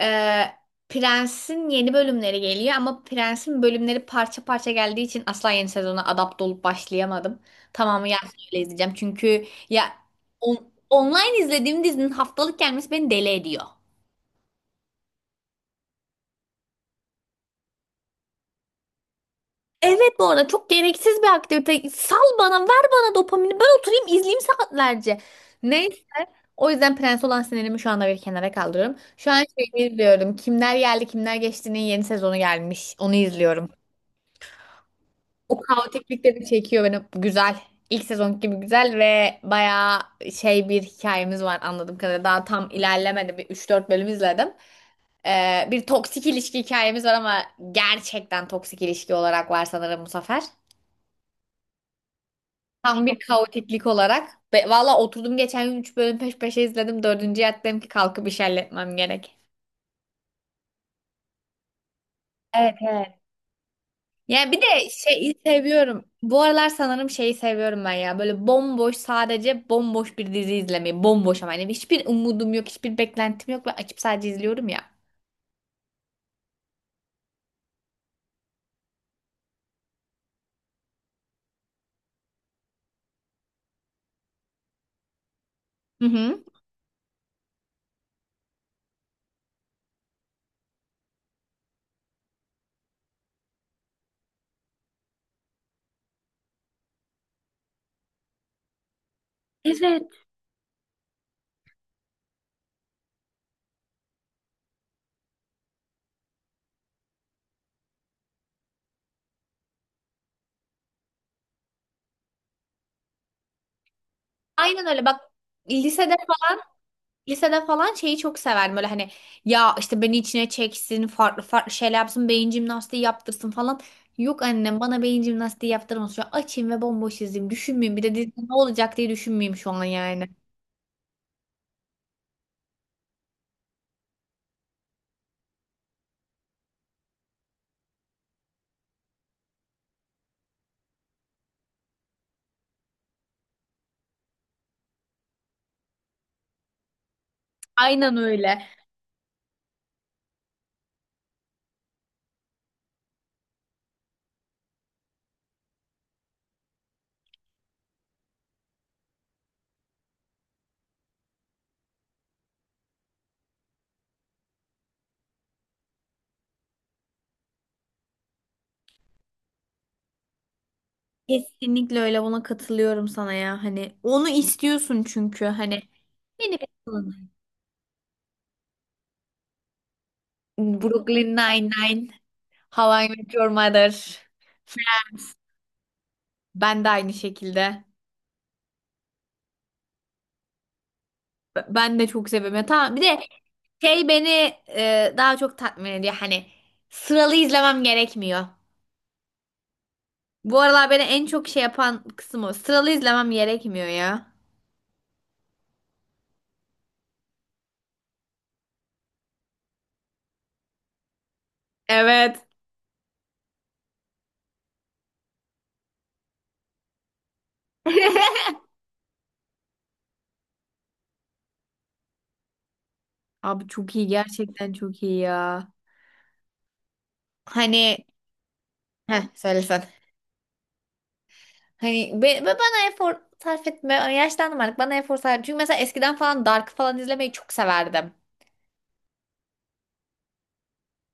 Ee, Prens'in yeni bölümleri geliyor ama Prens'in bölümleri parça parça geldiği için asla yeni sezona adapte olup başlayamadım. Tamamı gelsin öyle izleyeceğim. Çünkü ya online izlediğim dizinin haftalık gelmesi beni deli ediyor. Evet, bu arada çok gereksiz bir aktivite. Sal bana, ver bana dopamini. Ben oturayım izleyeyim saatlerce. Neyse. O yüzden Prens olan sinirimi şu anda bir kenara kaldırıyorum. Şu an şey izliyorum. Kimler geldi, kimler geçti'nin yeni sezonu gelmiş. Onu izliyorum. O kaotiklik de bir çekiyor beni. Güzel. İlk sezon gibi güzel ve bayağı şey bir hikayemiz var anladığım kadarıyla. Daha tam ilerlemedi. Bir 3-4 bölüm izledim. Bir toksik ilişki hikayemiz var ama gerçekten toksik ilişki olarak var sanırım bu sefer. Tam bir kaotiklik olarak. Ve valla oturdum geçen gün 3 bölüm peş peşe izledim. 4. yattım ki kalkıp iş halletmem gerek. Evet, evet. Yani bir de şeyi seviyorum. Bu aralar sanırım şeyi seviyorum ben ya. Böyle bomboş, sadece bomboş bir dizi izlemeyi. Bomboş, ama yani hiçbir umudum yok, hiçbir beklentim yok ve açıp sadece izliyorum ya. Hı hı. Evet. Aynen öyle, bak, lisede falan lisede falan şeyi çok severdim, böyle hani ya işte beni içine çeksin, farklı farklı şeyler yapsın, beyin jimnastiği yaptırsın falan. Yok, annem bana beyin jimnastiği yaptırmasın, şu an açayım ve bomboş izleyeyim, düşünmeyeyim, bir de dizi ne olacak diye düşünmeyeyim şu an yani. Aynen öyle. Kesinlikle öyle, buna katılıyorum sana ya. Hani onu istiyorsun çünkü hani beni bekliyorlar. Brooklyn Nine-Nine, How I Met Your Mother. Ben de aynı şekilde. Ben de çok seviyorum. Ya tamam, bir de şey beni daha çok tatmin ediyor. Hani sıralı izlemem gerekmiyor. Bu aralar beni en çok şey yapan kısım o. Sıralı izlemem gerekmiyor ya. Evet. Abi çok iyi, gerçekten çok iyi ya. Hani heh söylesen. Hani be, ve bana efor sarf etme. Yaşlandım artık. Bana efor sarf. Çünkü mesela eskiden falan Dark falan izlemeyi çok severdim.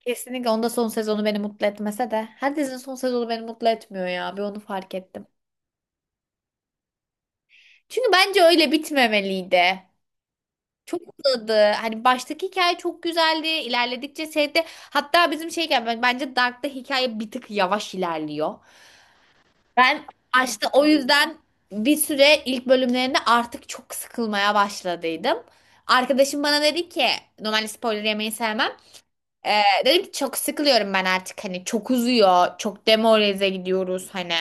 Kesinlikle onda son sezonu beni mutlu etmese de. Her dizinin son sezonu beni mutlu etmiyor ya. Bir onu fark ettim. Çünkü bence öyle bitmemeliydi. Çok uzadı. Hani baştaki hikaye çok güzeldi. İlerledikçe şeyde, hatta bizim şeyken bence Dark'ta hikaye bir tık yavaş ilerliyor. Ben başta o yüzden bir süre ilk bölümlerinde artık çok sıkılmaya başladıydım. Arkadaşım bana dedi ki, normalde spoiler yemeyi sevmem. Dedim ki çok sıkılıyorum ben artık, hani çok uzuyor, çok demoralize gidiyoruz, hani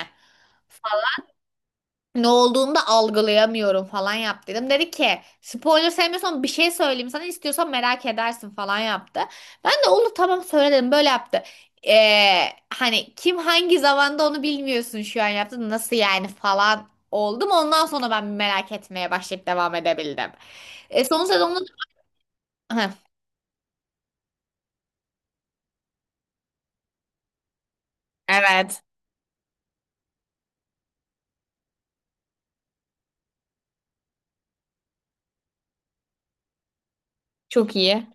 ne olduğunu da algılayamıyorum falan, yap dedim. Dedi ki spoiler sevmiyorsan bir şey söyleyeyim sana, istiyorsan merak edersin falan yaptı. Ben de olur tamam söyle dedim, böyle yaptı. Hani kim hangi zamanda onu bilmiyorsun şu an, yaptı nasıl yani falan oldum. Ondan sonra ben merak etmeye başlayıp devam edebildim. E, son sezonda heh. Evet. Çok iyi.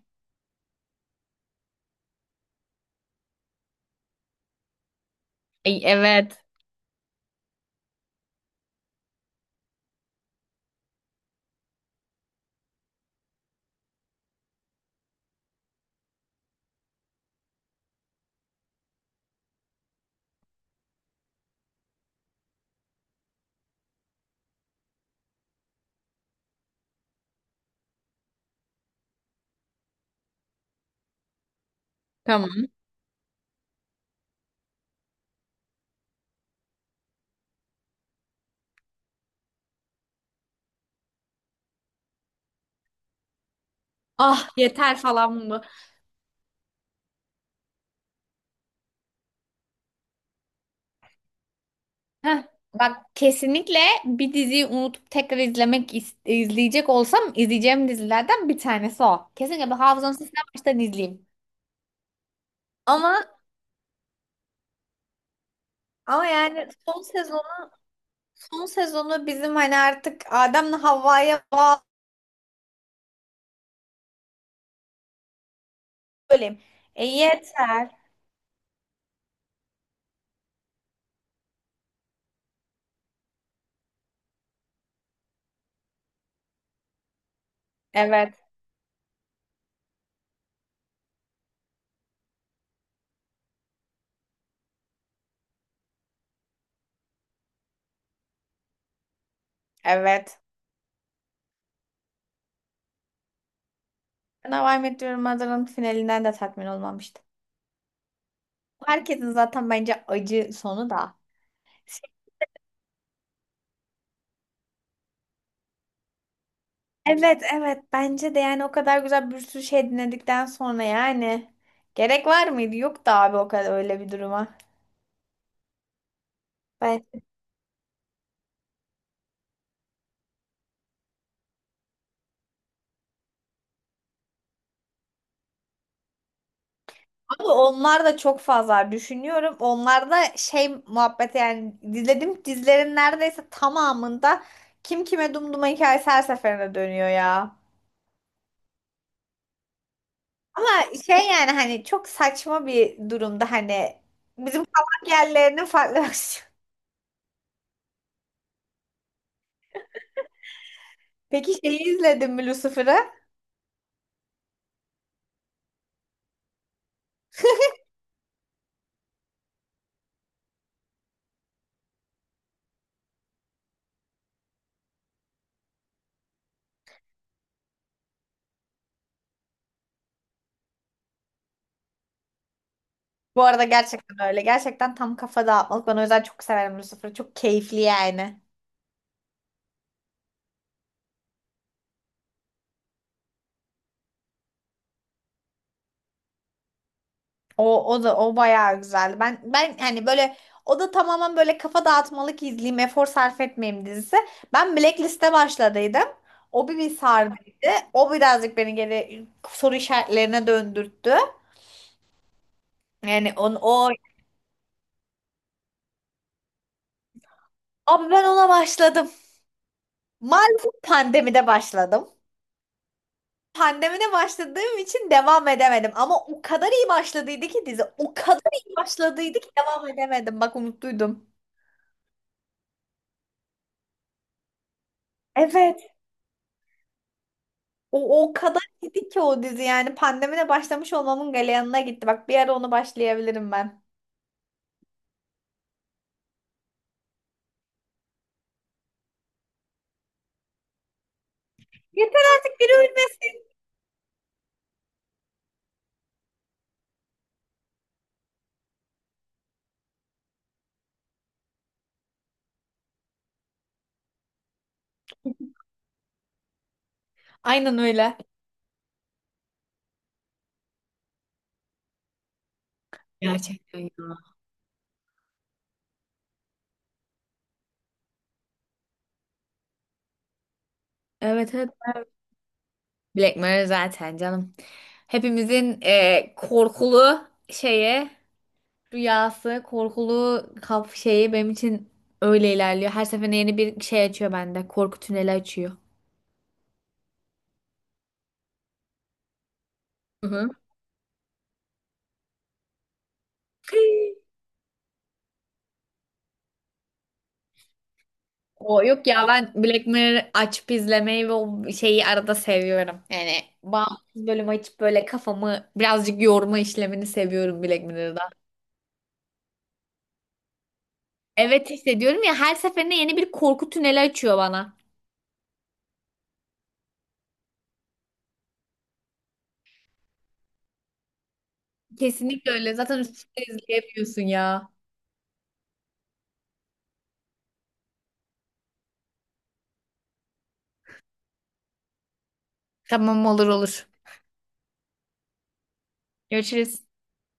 E, evet. Tamam. Ah yeter falan mı? Heh, bak, kesinlikle bir diziyi unutup tekrar izlemek izleyecek olsam izleyeceğim dizilerden bir tanesi o. Kesinlikle bir hafızamın sistem baştan izleyeyim. Ama ama yani son sezonu son sezonu bizim hani artık Adem'le Havva'ya bağlı bölüm. E yeter. Evet, evet. Ben How I Met Your Mother'ın finalinden de tatmin olmamıştım. Herkesin zaten bence acı sonu da. Evet evet, bence de yani o kadar güzel bir sürü şey dinledikten sonra yani gerek var mıydı? Yok da abi o kadar öyle bir duruma. Ben... Ama onlar da çok fazla düşünüyorum. Onlar da şey muhabbeti, yani dizledim dizilerin neredeyse tamamında kim kime dumduma hikayesi her seferinde dönüyor ya. Ama şey yani hani çok saçma bir durumda, hani bizim kavak yerlerinin farklı versiyonu. Peki şeyi izledin mi, Lucifer'ı? Bu arada gerçekten öyle. Gerçekten tam kafa dağıtmalık. Ben o yüzden çok severim Lucifer'ı. Çok keyifli yani. O, o da o bayağı güzeldi. Ben hani böyle o da tamamen böyle kafa dağıtmalık izleyeyim, efor sarf etmeyeyim dizisi. Ben Blacklist'e başladıydım. O bir sardıydı. O birazcık beni geri soru işaretlerine döndürttü. Yani on, o abi ben ona başladım. Maalesef pandemide başladım. Pandemide başladığım için devam edemedim. Ama o kadar iyi başladıydı ki dizi. O kadar iyi başladıydı ki devam edemedim. Bak umutluydum. Evet. O kadar iyiydi ki o dizi, yani pandemide başlamış olmamın galeyanına gitti. Bak bir ara onu başlayabilirim ben. Yeter artık, biri ölmesin. Aynen öyle. Gerçekten ya. Evet, evet. Black Mirror zaten canım. Hepimizin korkulu şeye rüyası, korkulu kaf şeyi benim için öyle ilerliyor. Her seferinde yeni bir şey açıyor bende. Korku tüneli açıyor. Hı hı. O yok ya, ben Black Mirror açıp izlemeyi ve o şeyi arada seviyorum. Yani bağımsız bölüm açıp böyle kafamı birazcık yorma işlemini seviyorum Black Mirror'da. Evet, hissediyorum ya her seferinde yeni bir korku tüneli açıyor bana. Kesinlikle öyle. Zaten üst üste izleyemiyorsun ya. Tamam, olur olur. Görüşürüz.